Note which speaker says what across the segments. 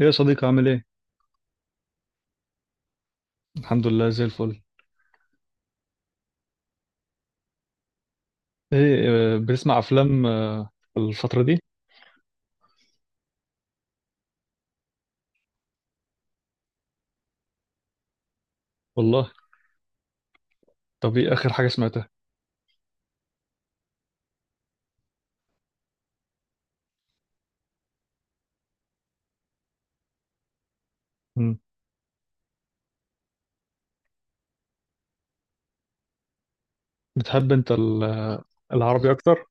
Speaker 1: ايه يا صديقي؟ عامل ايه؟ الحمد لله زي الفل. ايه بتسمع افلام الفترة دي؟ والله. طب ايه اخر حاجة سمعتها؟ مم. بتحب انت العربي اكتر؟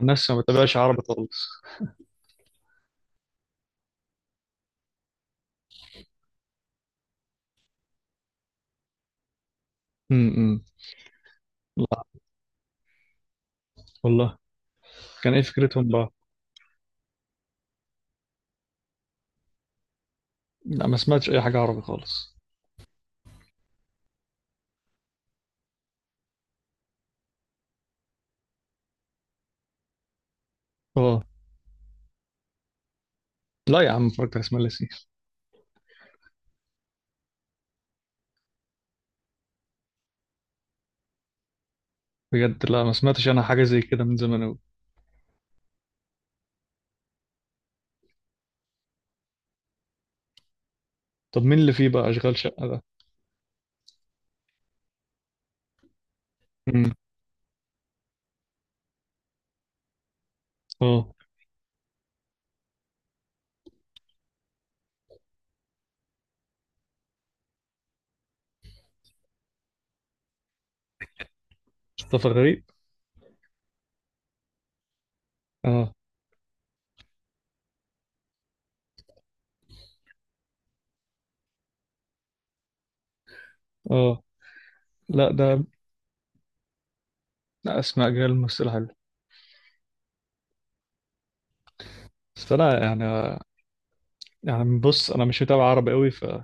Speaker 1: الناس ما بتابعش عربي خالص. امم. لا والله، كان ايه فكرتهم بقى؟ لا ما سمعتش اي حاجة عربي خالص. اه. لا يا عم، اتفرجت على اسماعيل ياسين. بجد لا ما سمعتش انا حاجة زي كده من زمان اوي. طب مين اللي فيه بقى اشغال شقة ده؟ مم. اه. مصطفى غريب. اه. اه. لا ده. لا، اسماء جلال ممثلة حلوة. بس انا يعني، يعني بص انا مش متابع عربي قوي، فمش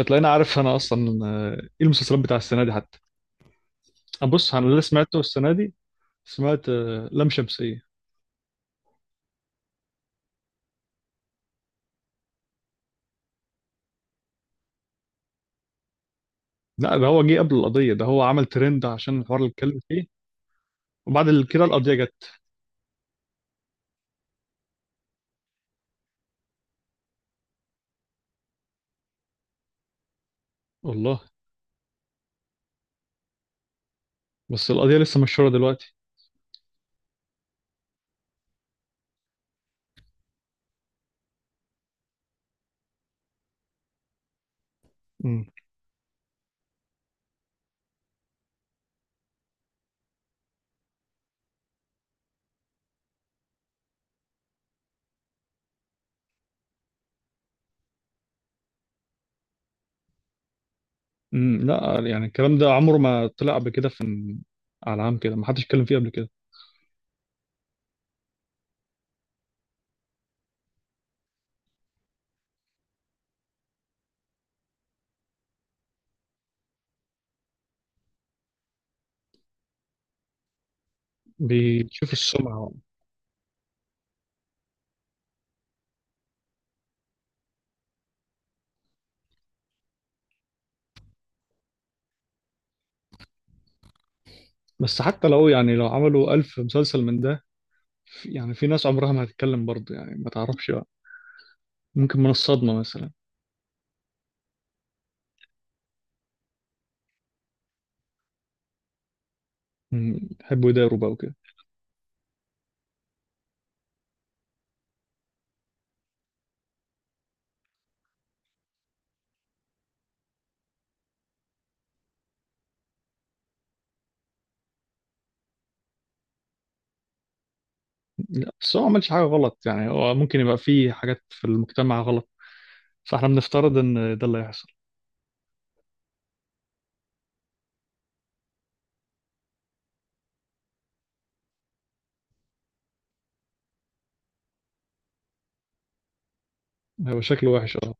Speaker 1: هتلاقيني عارف انا اصلا ايه المسلسلات بتاع السنه دي حتى. انا بص، انا اللي سمعته السنه دي، سمعت لام شمسيه. لا ده هو جه قبل القضيه، ده هو عمل ترند عشان الحوار اللي اتكلم فيه. وبعد كده القضيه جت. والله. بس القضيه لسه مشهوره دلوقتي. امم. أمم، لا يعني الكلام ده عمره ما طلع قبل كده، في على عام كده ما حدش اتكلم فيه قبل كده. بيشوف السمعه. بس حتى لو يعني لو عملوا ألف مسلسل من ده، يعني في ناس عمرها ما هتتكلم برضه، يعني ما تعرفش، ممكن من الصدمة مثلا. مم، يحبوا يداروا بقى وكده. لا بس هو ما عملش حاجة غلط، يعني هو ممكن يبقى فيه حاجات في المجتمع غلط، فاحنا بنفترض ان ده اللي هيحصل. هو شكله وحش اه.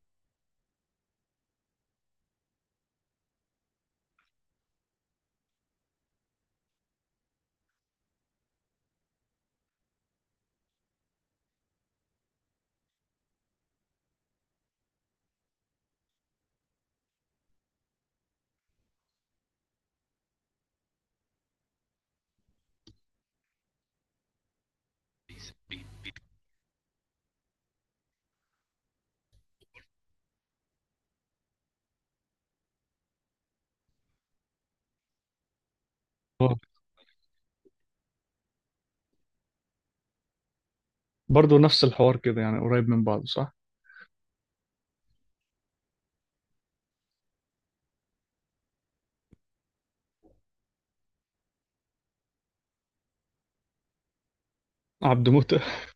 Speaker 1: هو برضه نفس الحوار كده، يعني قريب من بعضه، صح؟ عبد موتة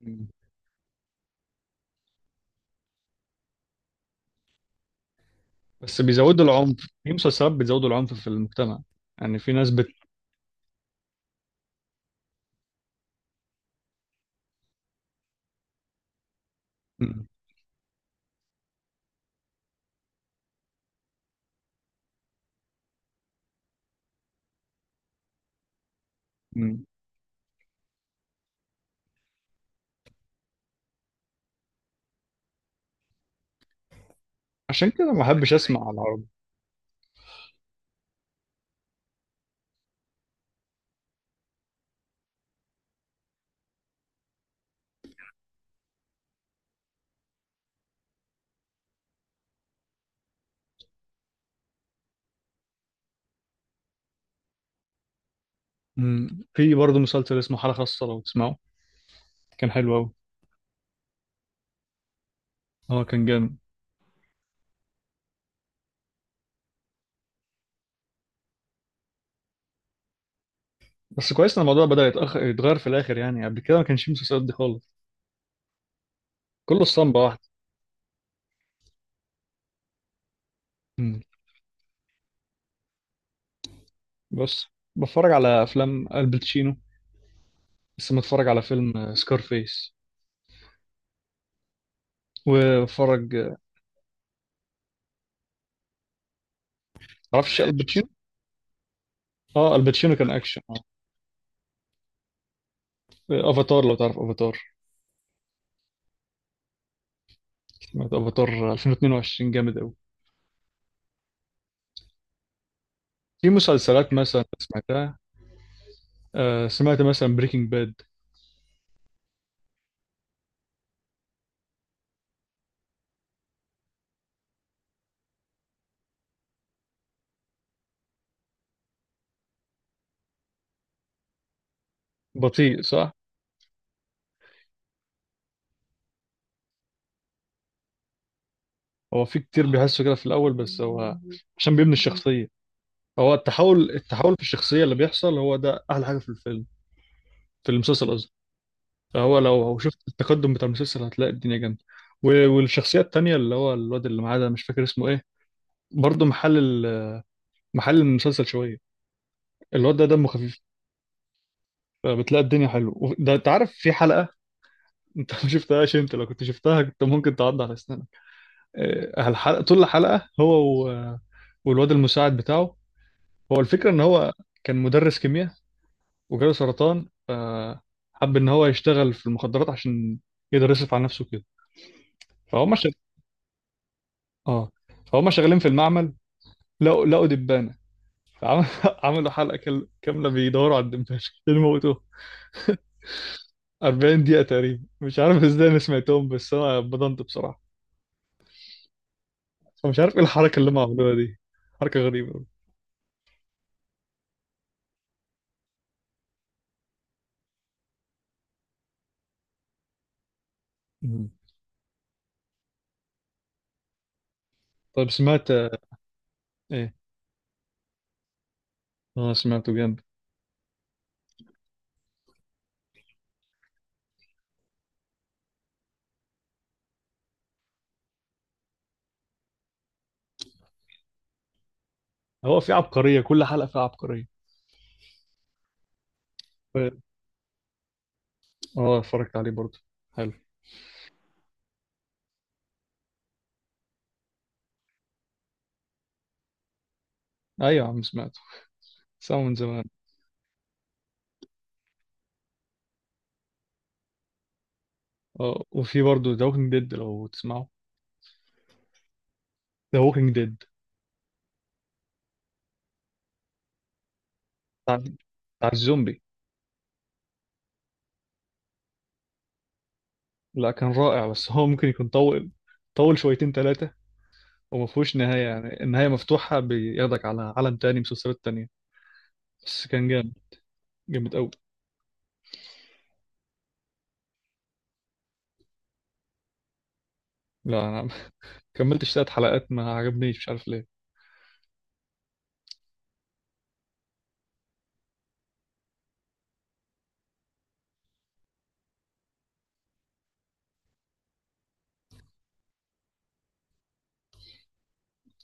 Speaker 1: مم. بس بيزودوا العنف، في مسلسلات بتزودوا العنف في المجتمع، يعني في ناس بت. مم. مم. عشان كده ما بحبش اسمع على العربي. مم. في برضه مسلسل اسمه حالة خاصة لو تسمعه، كان حلو قوي. اه كان جامد. بس كويس ان الموضوع بدأ يتأخر يتغير في الاخر، يعني قبل كده ما كانش في مسلسلات دي خالص. كله اسطمبة واحدة. مم. بس بتفرج على أفلام الباتشينو، لسه متفرج على فيلم سكارفيس وبتفرج. معرفش اكشن الباتشينو، اه الباتشينو كان أكشن. اه افاتار، لو تعرف افاتار، سمعت افاتار 2022 جامد أوي. في مسلسلات مثلا سمعتها، آه سمعت مثلا بريكنج باد. بطيء صح؟ هو في كتير بيحسوا كده في الأول، بس هو عشان بيبني الشخصية، هو التحول في الشخصية اللي بيحصل هو ده أحلى حاجة في الفيلم، في المسلسل قصدي. فهو لو شفت التقدم بتاع المسلسل هتلاقي الدنيا جامده. والشخصيه التانيه اللي هو الواد اللي معاه ده، مش فاكر اسمه ايه، برضه محل محل المسلسل شويه. الواد ده دمه خفيف، فبتلاقي الدنيا حلوه ده. انت عارف في حلقه، انت ما شفتهاش، انت لو كنت شفتها كنت ممكن تعض على اسنانك. الحلقه، طول الحلقه هو و... والواد المساعد بتاعه، هو الفكره ان هو كان مدرس كيمياء وجاله سرطان، فحب ان هو يشتغل في المخدرات عشان يقدر يصرف على نفسه كده. فهم شغ... اه، فهم شغالين في المعمل، لقوا دبانه، فعم- عملوا حلقه كامله بيدوروا على الدبانه اللي موتوه، 40 دقيقه تقريبا، مش عارف ازاي انا سمعتهم، بس انا بضنت بصراحه، فمش عارف ايه الحركه اللي هم عملوها دي، حركه غريبه. مم. طيب سمعت ايه؟ اه سمعته جامد، هو في عبقريه، كل حلقه فيها عبقريه. ف- اه اتفرجت عليه برضه، حلو. ايوه يا عم سمعته، سامعه من زمان. اه، وفي برضه ذا ووكينج ديد لو تسمعه. ذا ووكينج ديد، بتاع الزومبي. لا كان رائع، بس هو ممكن يكون طول، طول شويتين ثلاثه، وما فيهوش نهاية، يعني النهاية مفتوحة بياخدك على عالم تاني، مسلسلات تانية. بس كان جامد، جامد قوي. لا أنا كملتش تلات حلقات، ما عجبنيش مش عارف ليه.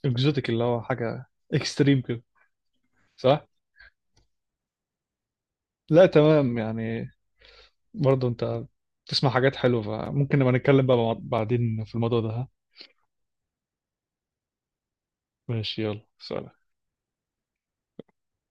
Speaker 1: اكزوتيك، اللي هو حاجة اكستريم كده، صح؟ لا تمام يعني. برضه أنت بتسمع حاجات حلوة، فممكن نبقى نتكلم بقى بعدين في الموضوع ده، ها؟ ماشي، يلا سلام.